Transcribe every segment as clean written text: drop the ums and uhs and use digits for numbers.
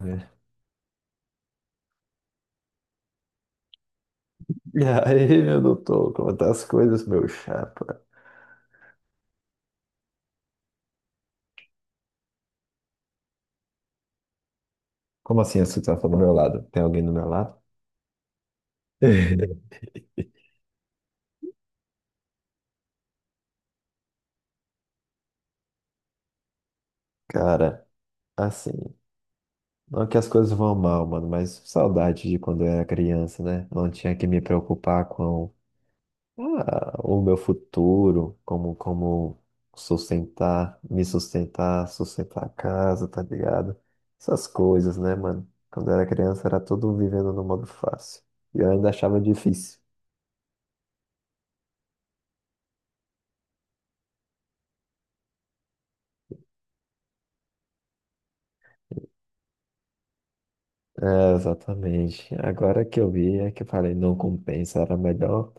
É. E aí, meu doutor, como tá as coisas, meu chapa? Como assim você tá falando do meu lado? Tem alguém do meu lado? Cara, assim, não é que as coisas vão mal, mano, mas saudade de quando eu era criança, né? Não tinha que me preocupar com ah, o meu futuro, como sustentar, me sustentar, sustentar a casa, tá ligado? Essas coisas, né, mano? Quando eu era criança era tudo vivendo no modo fácil. E eu ainda achava difícil. É, exatamente. Agora que eu vi é que eu falei, não compensa, era melhor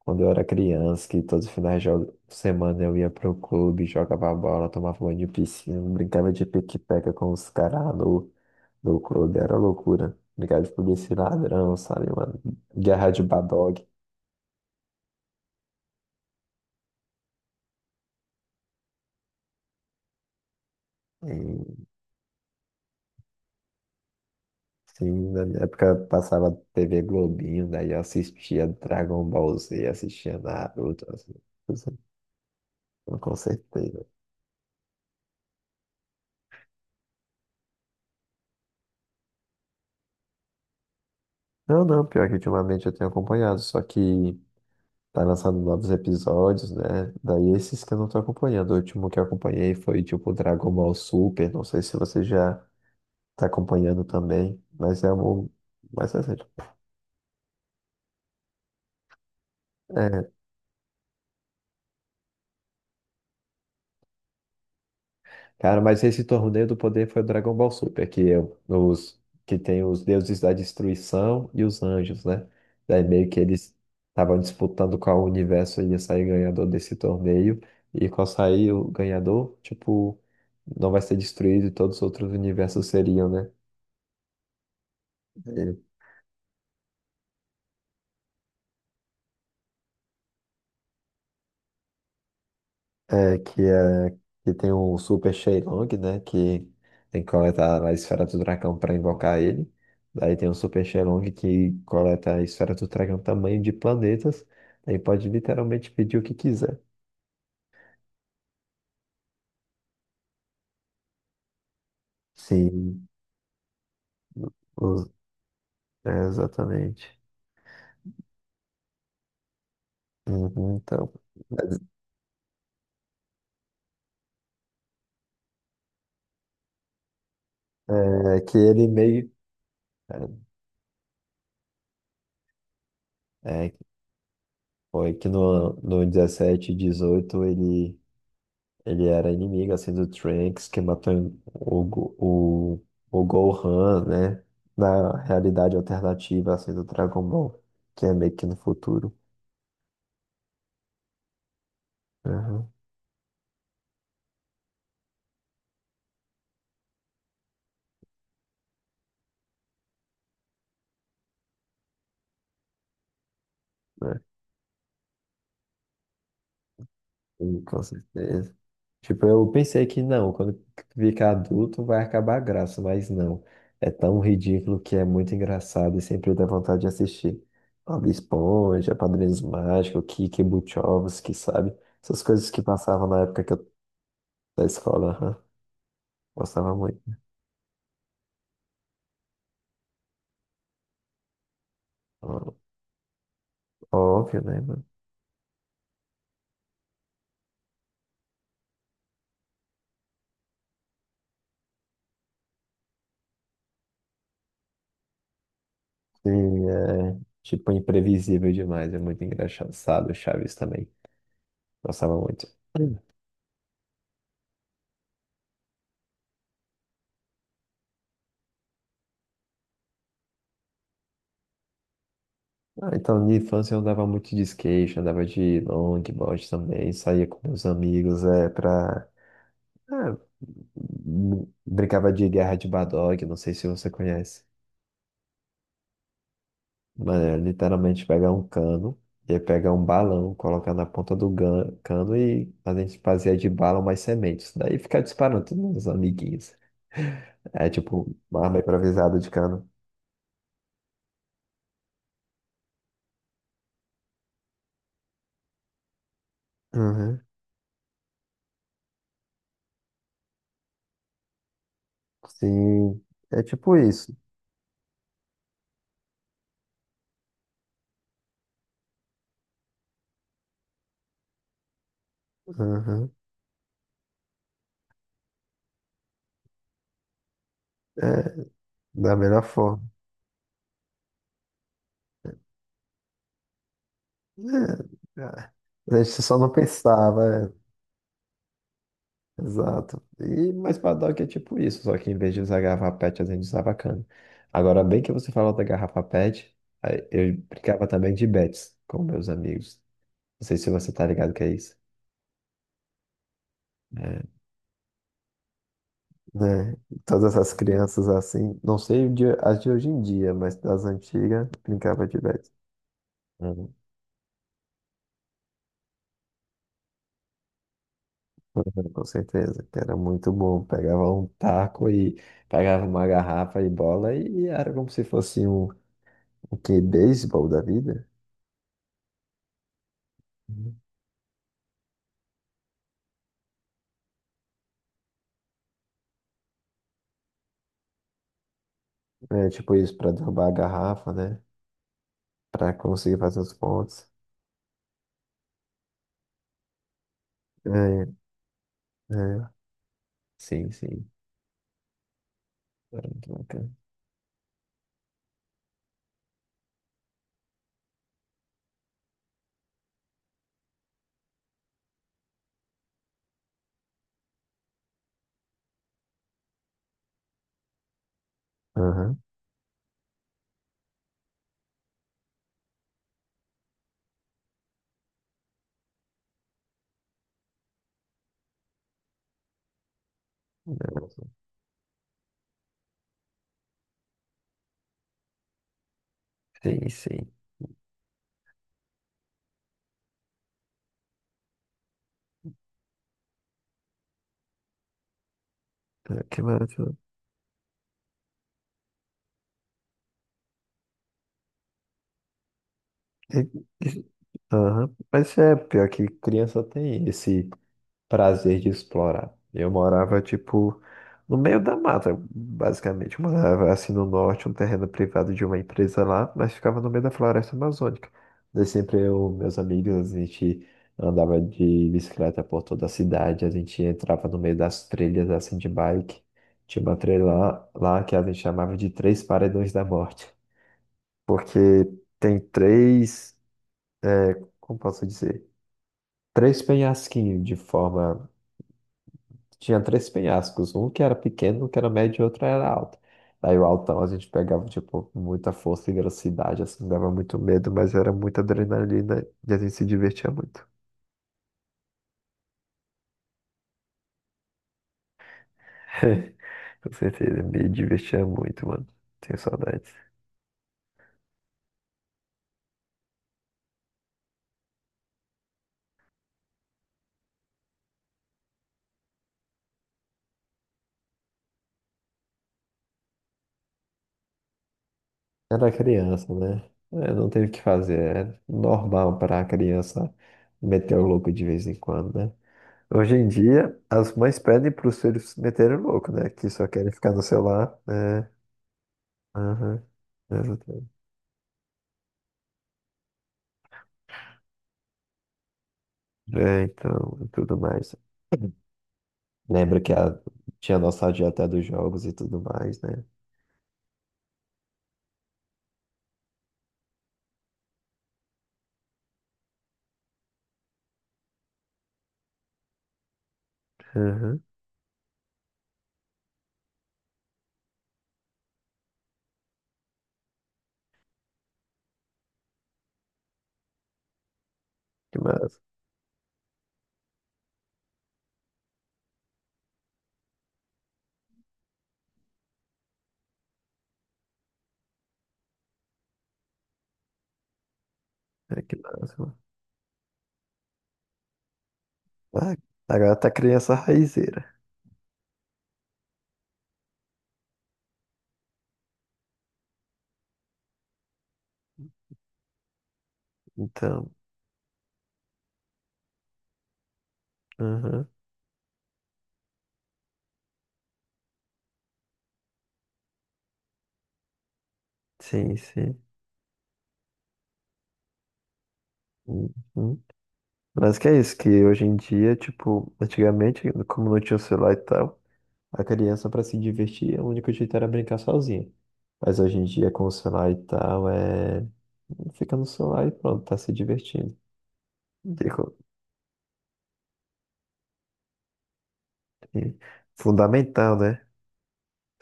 quando eu era criança, que todos os finais de semana eu ia pro clube, jogava bola, tomava banho de piscina, brincava de pique-pega com os caras do clube, era loucura. Brincava de polícia e ladrão, sabe, mano? Guerra de Badog. E, sim, na minha época passava TV Globinho, daí eu assistia Dragon Ball Z, assistia Naruto, assim, com certeza. Não, não, pior que ultimamente eu tenho acompanhado, só que tá lançando novos episódios, né? Daí esses que eu não tô acompanhando. O último que eu acompanhei foi tipo Dragon Ball Super, não sei se você já tá acompanhando também, mas é um mais recente. Cara, mas esse torneio do poder foi o Dragon Ball Super, que, é os, que tem os deuses da destruição e os anjos, né? Daí meio que eles estavam disputando qual universo ia sair ganhador desse torneio, e qual sair o ganhador, tipo, não vai ser destruído e todos os outros universos seriam, né? É, que tem o Super Shenlong, né? Que tem que coletar a esfera do dragão para invocar ele. Daí tem o Super Shenlong que coleta a esfera do dragão tamanho de planetas. Aí pode literalmente pedir o que quiser. Sim, os- é, exatamente. Uhum, então, mas, é que ele meio. É, é, foi que no 17 e 18 ele ele era inimigo assim do Trunks que matou o o Gohan, né? Na realidade alternativa assim do Dragon Ball, que é meio que no futuro. Aham, né? Sim, com certeza. Tipo, eu pensei que não, quando ficar adulto vai acabar a graça, mas não. É tão ridículo que é muito engraçado e sempre dá vontade de assistir. Bob Esponja, Padrinhos Mágicos, Kiki Butovski, sabe? Essas coisas que passavam na época que eu, da escola, aham. Gostava muito. Ó- Óbvio, né, mano? E é, tipo, imprevisível demais, é muito engraçado. Chaves também, gostava muito. Hum. Ah, então, de infância eu andava muito de skate, andava de longboard também, saía com meus amigos, é, pra... Ah, brincava de guerra de Badog, não sei se você conhece. Mano, é literalmente pegar um cano, ia pegar um balão, colocar na ponta do cano e a gente fazia de bala umas sementes. Daí ficar disparando todos os amiguinhos. É tipo uma arma improvisada de cano. Uhum. Sim, é tipo isso. Uhum. É, da melhor forma. É, é. A gente só não pensava. Exato. E mais paddock é tipo isso, só que em vez de usar garrafa PET, a gente usava cana. Agora, bem que você falou da garrafa PET, aí eu brincava também de bets com meus amigos. Não sei se você tá ligado que é isso. É, né? Todas essas crianças assim, não sei as de hoje em dia, mas das antigas, brincava de bets. Uhum. Uhum, com certeza, que era muito bom. Pegava um taco e pegava uma garrafa e bola e era como se fosse um, um que, beisebol da vida. É tipo isso, pra derrubar a garrafa, né? Pra conseguir fazer os pontos. É, é. Sim, sim. Era muito bacana. Aham. Sim, sim. É, que maravilha. E- e- Aham. Mas é pior que criança tem esse prazer de explorar. Eu morava, tipo, no meio da mata, basicamente. Eu morava, assim, no norte, um terreno privado de uma empresa lá, mas ficava no meio da floresta amazônica. Daí sempre eu, meus amigos, a gente andava de bicicleta por toda a cidade, a gente entrava no meio das trilhas, assim, de bike. Tinha uma trilha lá que a gente chamava de Três Paredões da Morte, porque tem três, como posso dizer? Três penhasquinhos de forma. Tinha três penhascos, um que era pequeno, um que era médio e outro era alto. Daí o altão a gente pegava, tipo, muita força e velocidade, assim, dava muito medo, mas era muita adrenalina e a gente se divertia muito. Com certeza, me divertia muito, mano. Tenho saudades. Era criança, né? É, não teve o que fazer. É normal para a criança meter o louco de vez em quando, né? Hoje em dia, as mães pedem para os filhos meterem o louco, né? Que só querem ficar no celular, né? Aham. É, então, e tudo mais. Lembra que a, tinha a nossa dieta dos jogos e tudo mais, né? Uhum. Que massa. É, que massa, mano. Ah, agora tá criança raizeira. Então, uhum. Sim, sim. Uhum. Mas que é isso, que hoje em dia, tipo, antigamente, como não tinha o celular e tal, a criança pra se divertir, o único jeito era brincar sozinha. Mas hoje em dia, com o celular e tal, é... Fica no celular e pronto, tá se divertindo. E co- e Fundamental, né?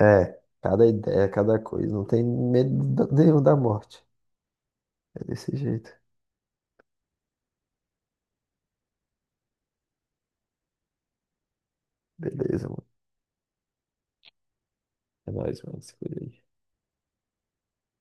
É, cada ideia, cada coisa. Não tem medo nenhum da morte. É desse jeito. Beleza, mano. É nóis, mano. Se cuida aí.